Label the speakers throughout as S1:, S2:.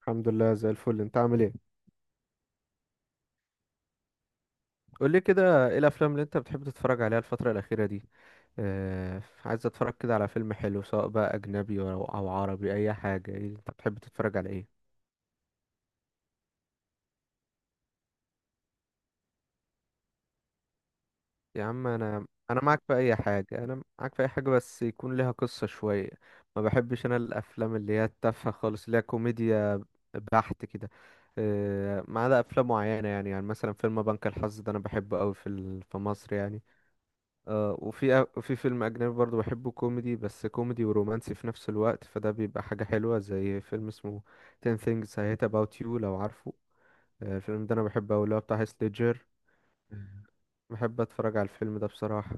S1: الحمد لله زي الفل، انت عامل ايه؟ قول لي كده، ايه الافلام اللي انت بتحب تتفرج عليها الفتره الاخيره دي؟ اه، عايز اتفرج كده على فيلم حلو، سواء بقى اجنبي او عربي، اي حاجه. ايه انت بتحب تتفرج على ايه؟ يا عم انا معاك في اي حاجه، انا معاك في اي حاجه بس يكون ليها قصه شويه. ما بحبش انا الافلام اللي هي التافهه خالص اللي هي كوميديا بحت كده. اه، ما عدا افلام معينه، يعني مثلا فيلم بنك الحظ ده انا بحبه قوي، في مصر يعني. آه، وفي فيلم أجنبي برضو بحبه، كوميدي، بس كوميدي ورومانسي في نفس الوقت، فده بيبقى حاجة حلوة زي فيلم اسمه 10 things I hate about you، لو عارفه. آه، الفيلم ده أنا بحبه أوي، اللي هو بتاع هيث ليدجر. بحب أتفرج على الفيلم ده بصراحة.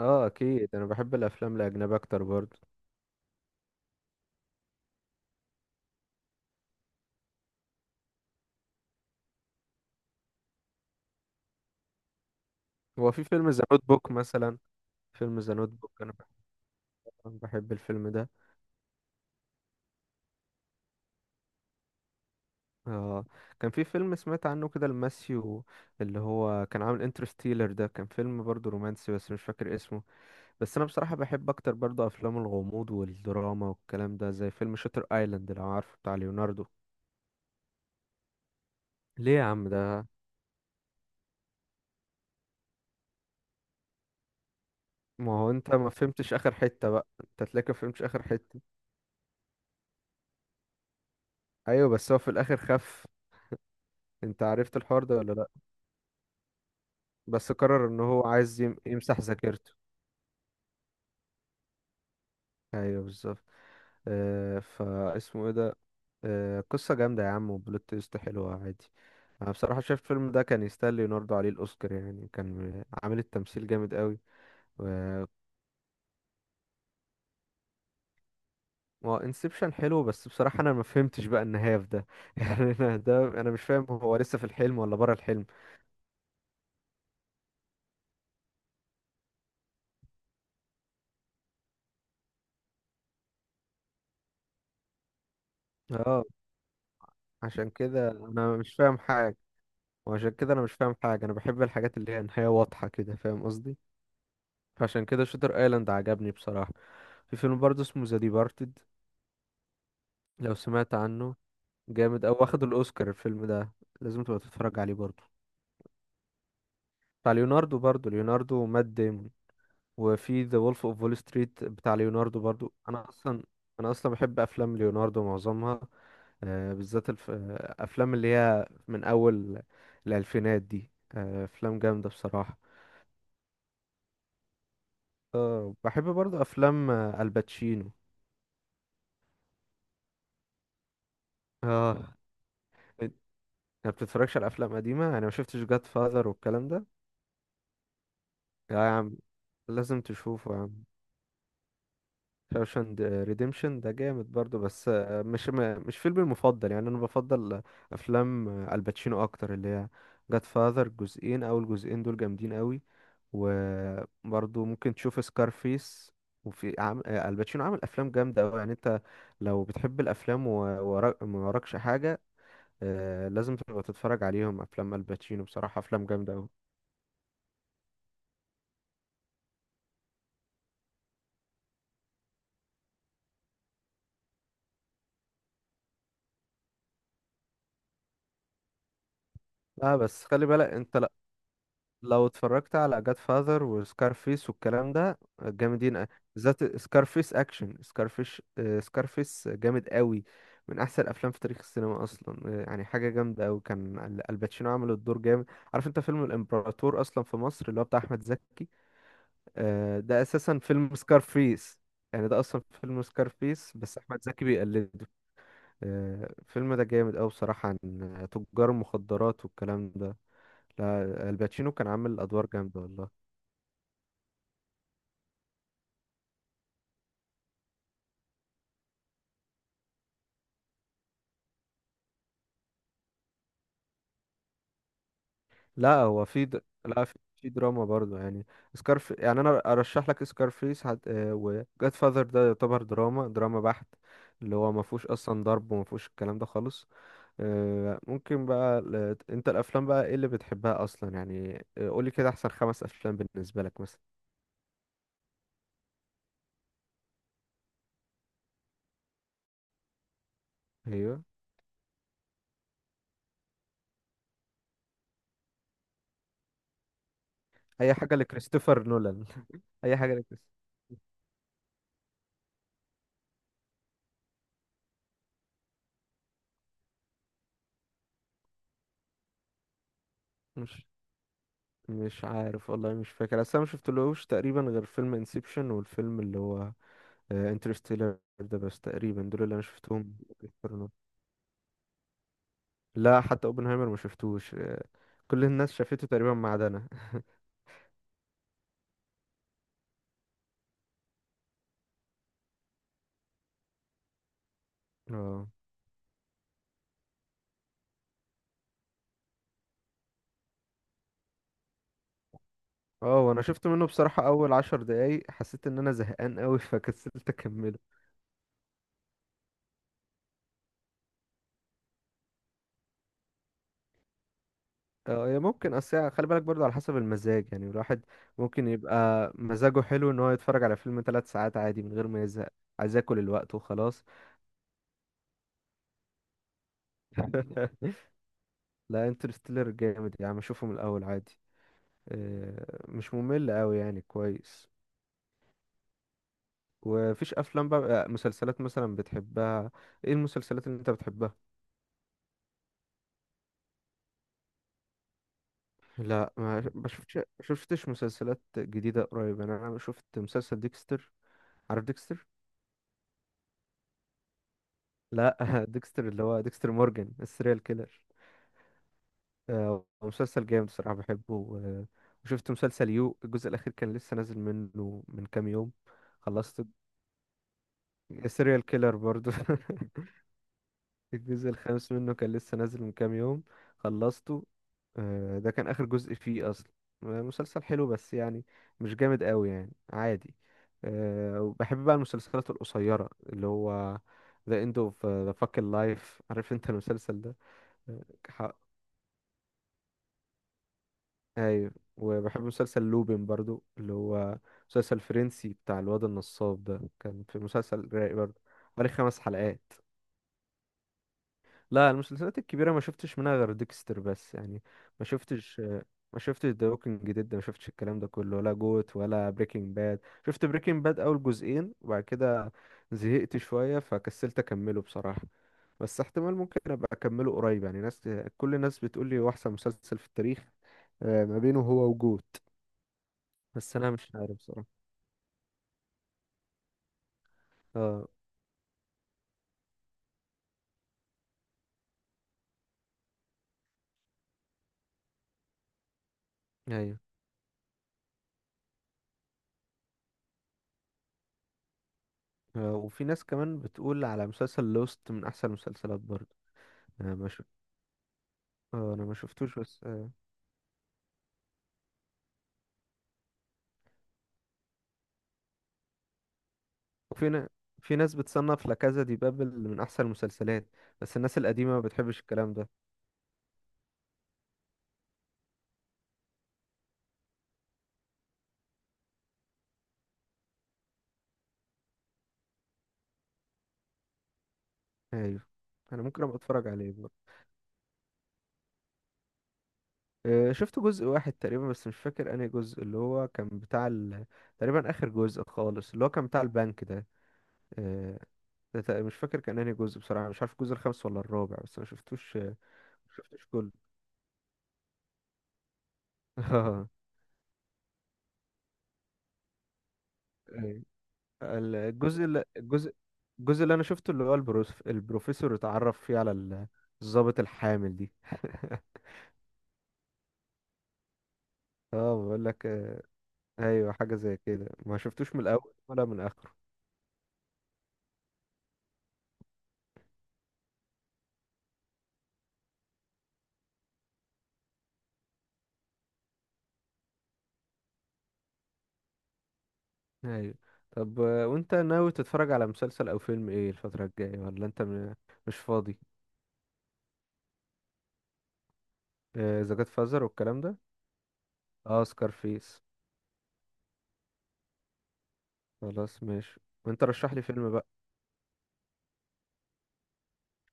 S1: اه أكيد، أنا بحب الأفلام الأجنبية أكتر برضو. هو في فيلم ذا نوت بوك مثلا، فيلم ذا نوت بوك أنا بحب، بحب الفيلم ده. اه، كان في فيلم سمعت عنه كده لماسيو، اللي هو كان عامل انترستيلر، ده كان فيلم برضو رومانسي بس مش فاكر اسمه. بس انا بصراحة بحب اكتر برضو افلام الغموض والدراما والكلام ده، زي فيلم شاتر ايلاند لو عارفه بتاع ليوناردو. ليه يا عم ده؟ ما هو انت ما فهمتش اخر حتة بقى، انت تلاقيك ما فهمتش اخر حتة. ايوه بس هو في الاخر خف. انت عرفت الحوار ده ولا لا؟ بس قرر ان هو عايز يمسح ذاكرته. ايوه بالظبط. آه، فاسمه ايه ده؟ آه، قصة جامدة يا عم، وبلوت تويست حلوة عادي. انا بصراحة شايف الفيلم ده كان يستاهل ليوناردو عليه الاوسكار، يعني كان عامل التمثيل جامد قوي. ما هو انسبشن حلو، بس بصراحة انا ما فهمتش بقى النهاية في ده يعني انا ده انا مش فاهم هو لسه في الحلم ولا بره الحلم. اه. عشان كده انا مش فاهم حاجة. وعشان كده انا مش فاهم حاجة، انا بحب الحاجات اللي هي نهاية واضحة كده، فاهم قصدي؟ عشان كده شوتر ايلاند عجبني بصراحة. في فيلم برضه اسمه ذا ديبارتد، لو سمعت عنه. جامد، او واخد الاوسكار الفيلم ده، لازم تبقى تتفرج عليه برضه. بتاع ليوناردو برضه، ليوناردو ومات ديمون. وفي ذا وولف اوف وول ستريت بتاع ليوناردو برضو، انا اصلا، انا اصلا بحب افلام ليوناردو معظمها. بالذات الف... آه، افلام اللي هي من اول الالفينات دي، افلام جامده بصراحه. بحب برضو افلام الباتشينو. اه، انت ما بتتفرجش على افلام قديمه؟ انا ما شفتش جاد فاذر والكلام ده. لا يا عم، لازم تشوفه يا عم. شاوشاند ريديمشن ده جامد برضو، بس مش مش فيلمي المفضل يعني، انا بفضل افلام الباتشينو اكتر، اللي هي جاد فاذر جزئين، او الجزئين دول جامدين قوي. وبرضو ممكن تشوف سكارفيس. وفي عم... آه، الباتشينو عامل افلام جامده قوي، يعني انت لو بتحب الافلام، ما وراكش حاجه، لازم تبقى تتفرج عليهم افلام الباتشينو بصراحه، افلام جامده قوي. لا بس خلي بالك انت، لو اتفرجت على جاد فاذر وسكارفيس والكلام ده، جامدين بالذات سكارفيس اكشن. سكارفيش آه، سكارفيس جامد قوي، من احسن الافلام في تاريخ السينما اصلا. يعني حاجه جامده قوي، كان الباتشينو عمل الدور جامد. عارف انت فيلم الامبراطور اصلا في مصر اللي هو بتاع احمد زكي؟ ده اساسا فيلم سكارفيس، يعني ده اصلا فيلم سكارفيس بس احمد زكي بيقلده. الفيلم ده جامد قوي بصراحه، عن تجار المخدرات والكلام ده. لا، الباتشينو كان عامل ادوار جامده والله. لا هو لا، في دراما برضه يعني. سكارف يعني انا ارشح لك سكارفيس، هت... آه، و جاد فاذر ده يعتبر دراما، دراما بحت، اللي هو ما فيهوش اصلا ضرب، وما فيهوش الكلام ده خالص. ممكن بقى، انت الافلام بقى ايه اللي بتحبها اصلا يعني، قولي كده احسن خمس افلام بالنسبه لك مثلا. ايوه. اي حاجه لكريستوفر نولان. اي حاجه لكريستوفر. مش مش عارف والله، مش فاكر، اصل انا ما شفتلهوش تقريبا غير فيلم انسبشن، والفيلم اللي هو انترستيلر ده بس، تقريبا دول اللي انا شفتهم. بيقارنوا. لا، حتى اوبنهايمر ما شفتوش. كل الناس شافته تقريبا ما عدا انا اه. اه، وانا شفت منه بصراحة اول عشر دقايق حسيت ان انا زهقان قوي فكسلت اكمله. اه هي ممكن، اصل خلي بالك برضو على حسب المزاج يعني، الواحد ممكن يبقى مزاجه حلو ان هو يتفرج على فيلم ثلاث ساعات عادي من غير ما يزهق. عايز اكل الوقت وخلاص. لا، انترستيلر جامد يا عم، اشوفه من الاول عادي. مش ممل قوي يعني، كويس. ومفيش افلام بقى، مسلسلات مثلا بتحبها؟ ايه المسلسلات اللي انت بتحبها؟ لا، ما شفتش مسلسلات جديده قريب يعني، انا شفت مسلسل ديكستر. عارف ديكستر؟ لا ديكستر اللي هو ديكستر مورجان السيريال كيلر. مسلسل جامد بصراحه بحبه وشفت مسلسل يو، الجزء الاخير كان لسه نازل منه من كام يوم، خلصت. السيريال كيلر برضو الجزء الخامس منه كان لسه نازل من كام يوم، خلصته. ده كان آخر جزء فيه أصلا. مسلسل حلو بس يعني، مش جامد قوي يعني، عادي. وبحب بقى المسلسلات القصيرة، اللي هو The End of the Fucking Life، عارف انت المسلسل ده؟ آه، ح- ايوه. وبحب مسلسل لوبين برضو، اللي هو مسلسل فرنسي بتاع الواد النصاب ده، كان في مسلسل رايق برضو، حوالي خمس حلقات. لا، المسلسلات الكبيرة ما شفتش منها غير ديكستر بس يعني، ما شفتش ما شفتش ذا ووكينج ديد، ما شفتش الكلام ده كله، ولا جوت، ولا بريكنج باد. شفت بريكنج باد أول جزئين، وبعد كده زهقت شوية فكسلت أكمله بصراحة، بس احتمال ممكن أبقى أكمله قريب يعني. ناس، كل الناس بتقول لي هو أحسن مسلسل في التاريخ. ما بينه هو وجوت. بس أنا مش عارف بصراحة. اه. أيوه. وفي ناس كمان بتقول على مسلسل لوست من أحسن المسلسلات برضه. أنا ما شف- أنا ما شفتوش بس. وفي ن... في ناس بتصنف لا كازا دي بابل من احسن المسلسلات، بس الناس القديمه ما بتحبش الكلام ده. ايوه. انا ممكن ابقى اتفرج عليه برضه. شفت جزء واحد تقريبا، بس مش فاكر انهي جزء، اللي هو كان بتاع تقريبا اخر جزء خالص، اللي هو كان بتاع البنك ده. آه، ده مش فاكر كان انهي جزء بصراحه، مش عارف الجزء الخامس ولا الرابع، بس ما شفتوش ما شفتوش كله اه. أيوة. الجزء الجزء اللي انا شفته، اللي هو البروفيسور اتعرف فيه على الضابط الحامل دي اه بقول لك، ايوه حاجه زي كده، ما شفتوش من الاول ولا من اخره. ايوه. طب وانت ناوي تتفرج على مسلسل او فيلم ايه الفتره الجايه؟ ولا انت مش فاضي؟ اذا جت فازر والكلام ده. اه، سكارفيس. خلاص ماشي. وانت رشح لي فيلم بقى،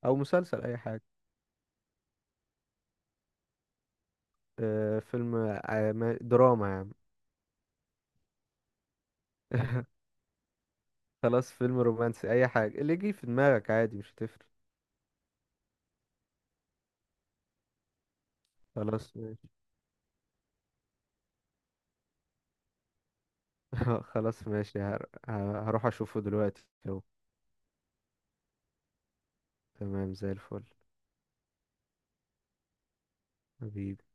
S1: او مسلسل، اي حاجه. آه، فيلم دراما يا عم. خلاص، فيلم رومانسي، اي حاجه اللي يجي في دماغك عادي، مش هتفرق. خلاص ماشي. خلاص ماشي، هروح اشوفه دلوقتي اهو. تمام زي الفل. حبيبي.